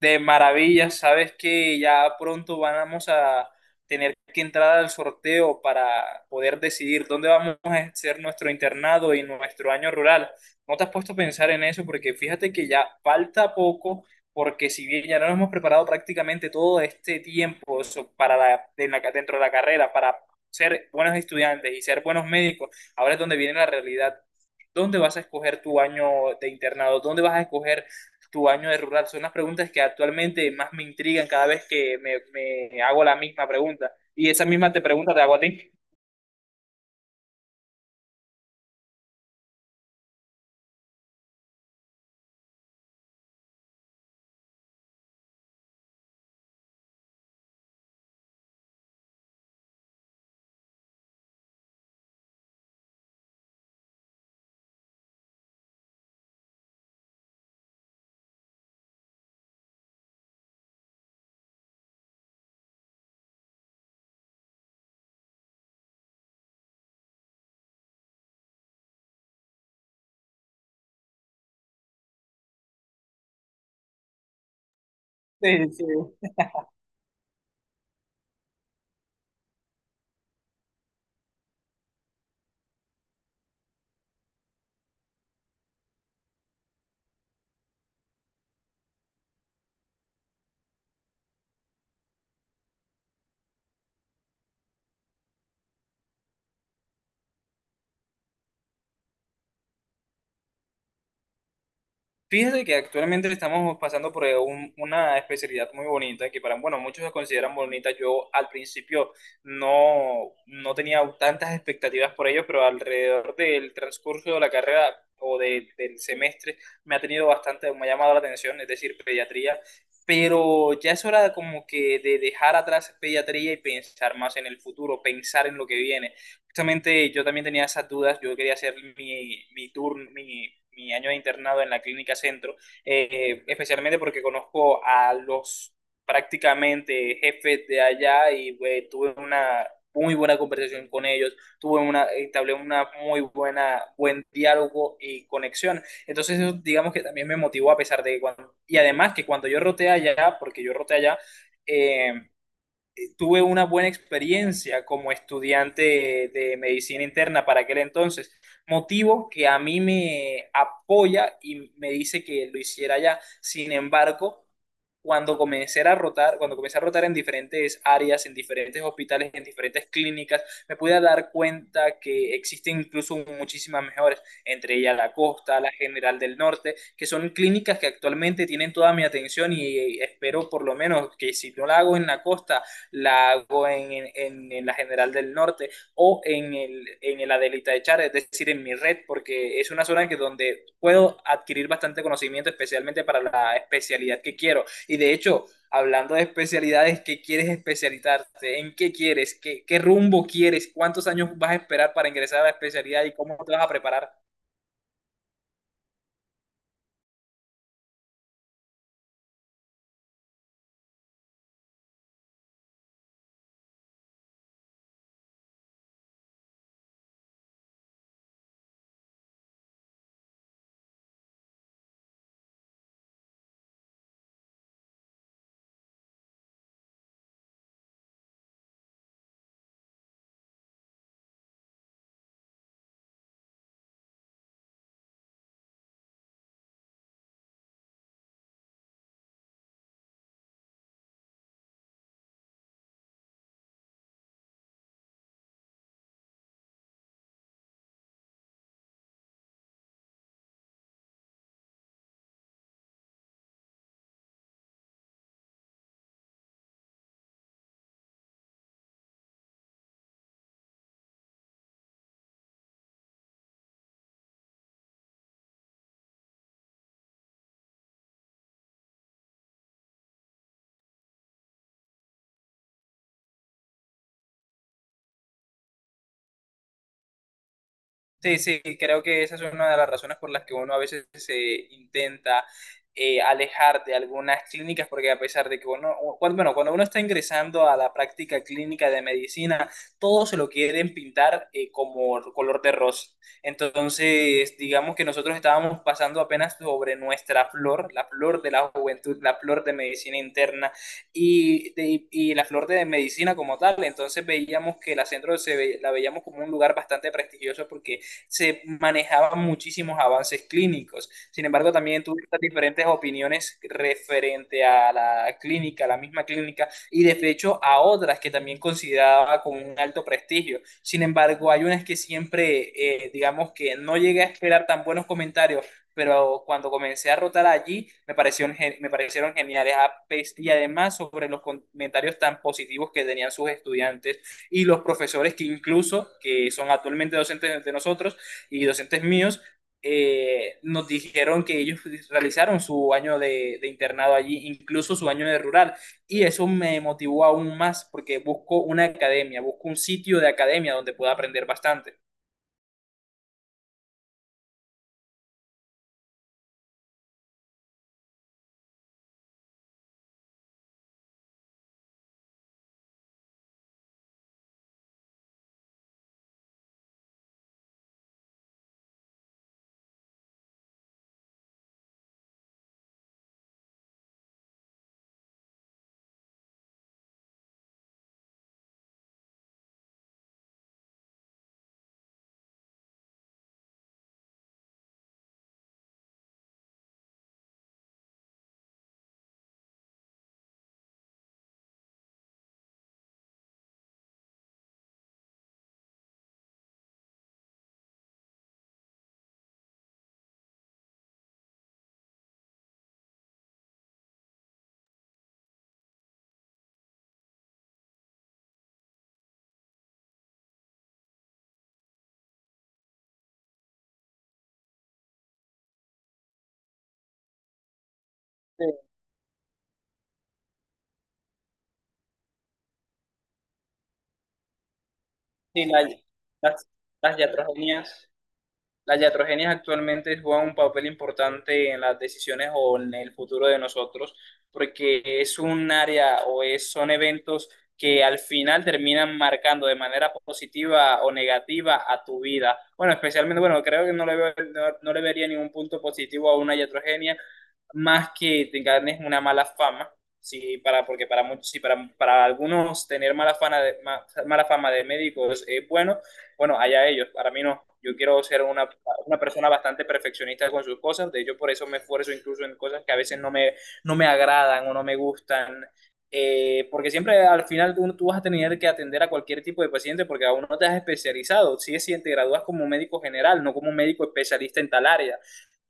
De maravilla, sabes que ya pronto vamos a tener que entrar al sorteo para poder decidir dónde vamos a hacer nuestro internado y nuestro año rural. ¿No te has puesto a pensar en eso? Porque fíjate que ya falta poco, porque si bien ya no nos hemos preparado prácticamente todo este tiempo para dentro de la carrera, para ser buenos estudiantes y ser buenos médicos, ahora es donde viene la realidad. ¿Dónde vas a escoger tu año de internado? ¿Dónde vas a escoger tu año de rural? Son las preguntas que actualmente más me intrigan cada vez que me hago la misma pregunta. Y esa misma te pregunta te hago a ti. Sí, sí. Fíjate que actualmente estamos pasando por una especialidad muy bonita que para, bueno, muchos la consideran bonita. Yo al principio no tenía tantas expectativas por ello, pero alrededor del transcurso de la carrera o del semestre me ha tenido bastante, me ha llamado la atención, es decir, pediatría. Pero ya es hora como que de dejar atrás pediatría y pensar más en el futuro, pensar en lo que viene justamente yo también tenía esas dudas, yo quería hacer mi tour, mi año de internado en la clínica centro, especialmente porque conozco a los prácticamente jefes de allá y pues, tuve una muy buena conversación con ellos, tuve una, entablé una muy buena, buen diálogo y conexión. Entonces, eso, digamos que también me motivó a pesar de que cuando, y además que cuando yo roté allá, porque yo roté allá, eh, tuve una buena experiencia como estudiante de medicina interna para aquel entonces, motivo que a mí me apoya y me dice que lo hiciera ya. Sin embargo, cuando comencé a rotar, cuando comencé a rotar en diferentes áreas, en diferentes hospitales, en diferentes clínicas, me pude dar cuenta que existen incluso muchísimas mejores, entre ellas la Costa, la General del Norte, que son clínicas que actualmente tienen toda mi atención y espero por lo menos que si no la hago en la Costa, la hago en la General del Norte o en en el Adelita de Char, es decir, en mi red, porque es una zona que donde puedo adquirir bastante conocimiento, especialmente para la especialidad que quiero. Y de hecho, hablando de especialidades, ¿qué quieres especializarte? ¿En qué quieres? Qué rumbo quieres? ¿Cuántos años vas a esperar para ingresar a la especialidad y cómo te vas a preparar? Sí, sí, creo que esa es una de las razones por las que uno a veces se intenta alejar de algunas clínicas, porque a pesar de que cuando, bueno, cuando uno está ingresando a la práctica clínica de medicina, todos se lo quieren pintar como color de rosa. Entonces, digamos que nosotros estábamos pasando apenas sobre nuestra flor, la flor de la juventud, la flor de medicina interna y, y la flor de medicina como tal. Entonces veíamos que la centro la veíamos como un lugar bastante prestigioso porque se manejaban muchísimos avances clínicos. Sin embargo, también tuve estas diferentes opiniones referente a la clínica, a la misma clínica, y de hecho a otras que también consideraba con un alto prestigio. Sin embargo, hay unas que siempre, digamos que no llegué a esperar tan buenos comentarios, pero cuando comencé a rotar allí me parecieron, me parecieron geniales. Y además sobre los comentarios tan positivos que tenían sus estudiantes y los profesores que incluso, que son actualmente docentes de nosotros, y docentes míos nos dijeron que ellos realizaron su año de internado allí, incluso su año de rural, y eso me motivó aún más porque busco una academia, busco un sitio de academia donde pueda aprender bastante. Sí, sí, las, las iatrogenias. Las iatrogenias actualmente juegan un papel importante en las decisiones o en el futuro de nosotros, porque es un área o es, son eventos que al final terminan marcando de manera positiva o negativa a tu vida. Bueno, especialmente, bueno, creo que no le, no le vería ningún punto positivo a una iatrogenia, más que te ganes una mala fama. Sí, para, porque para muchos, sí, para algunos tener mala fama mala fama de médicos es bueno, bueno, allá ellos, para mí no. Yo quiero ser una persona bastante perfeccionista con sus cosas, de hecho por eso me esfuerzo incluso en cosas que a veces no me agradan o no me gustan, porque siempre al final tú vas a tener que atender a cualquier tipo de paciente porque aún no te has especializado, si sí, si te gradúas como médico general, no como médico especialista en tal área.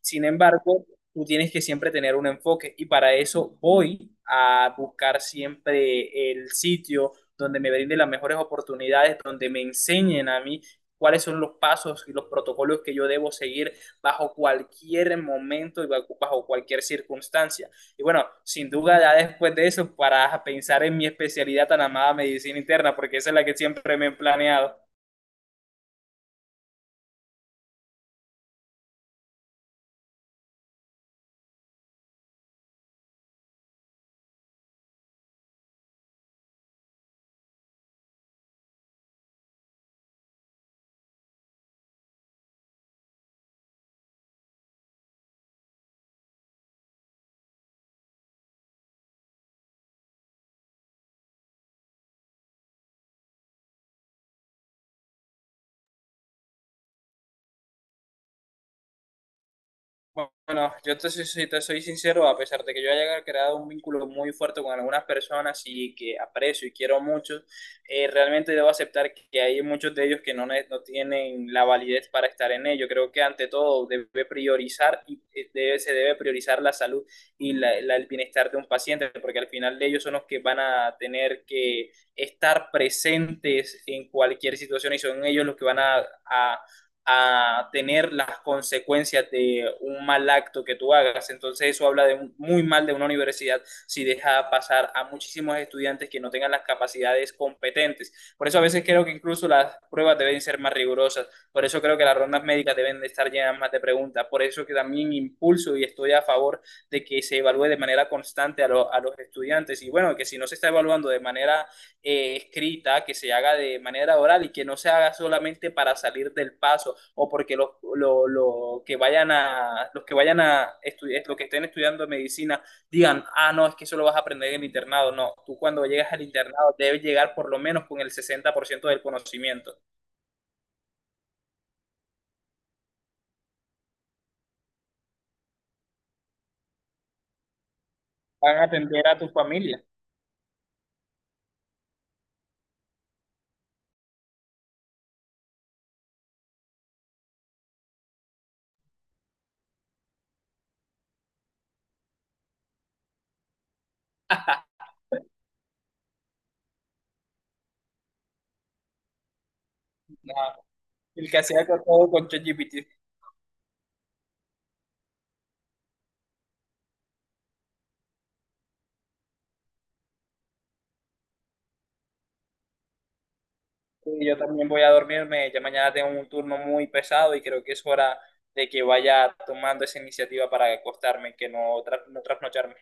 Sin embargo, tú tienes que siempre tener un enfoque y para eso voy a buscar siempre el sitio donde me brinde las mejores oportunidades, donde me enseñen a mí cuáles son los pasos y los protocolos que yo debo seguir bajo cualquier momento y bajo cualquier circunstancia. Y bueno, sin duda ya después de eso, para pensar en mi especialidad tan amada medicina interna, porque esa es la que siempre me he planeado. Bueno, si te soy sincero, a pesar de que yo haya creado un vínculo muy fuerte con algunas personas y que aprecio y quiero mucho, realmente debo aceptar que hay muchos de ellos que no tienen la validez para estar en ello. Creo que ante todo debe priorizar y se debe priorizar la salud y el bienestar de un paciente, porque al final de ellos son los que van a tener que estar presentes en cualquier situación y son ellos los que van a tener las consecuencias de un mal acto que tú hagas. Entonces eso habla de muy mal de una universidad si deja pasar a muchísimos estudiantes que no tengan las capacidades competentes. Por eso a veces creo que incluso las pruebas deben ser más rigurosas. Por eso creo que las rondas médicas deben de estar llenas más de preguntas. Por eso que también impulso y estoy a favor de que se evalúe de manera constante a los estudiantes. Y bueno, que si no se está evaluando de manera escrita, que se haga de manera oral y que no se haga solamente para salir del paso o porque lo que los que vayan a estudiar, los que estén estudiando medicina digan, ah, no, es que eso lo vas a aprender en el internado. No, tú cuando llegas al internado debes llegar por lo menos con el 60% del conocimiento. Van a atender a tu familia. No, el que hacía todo con ChatGPT. Sí, yo también voy a dormirme, ya mañana tengo un turno muy pesado y creo que es hora de que vaya tomando esa iniciativa para acostarme, que no, no trasnocharme.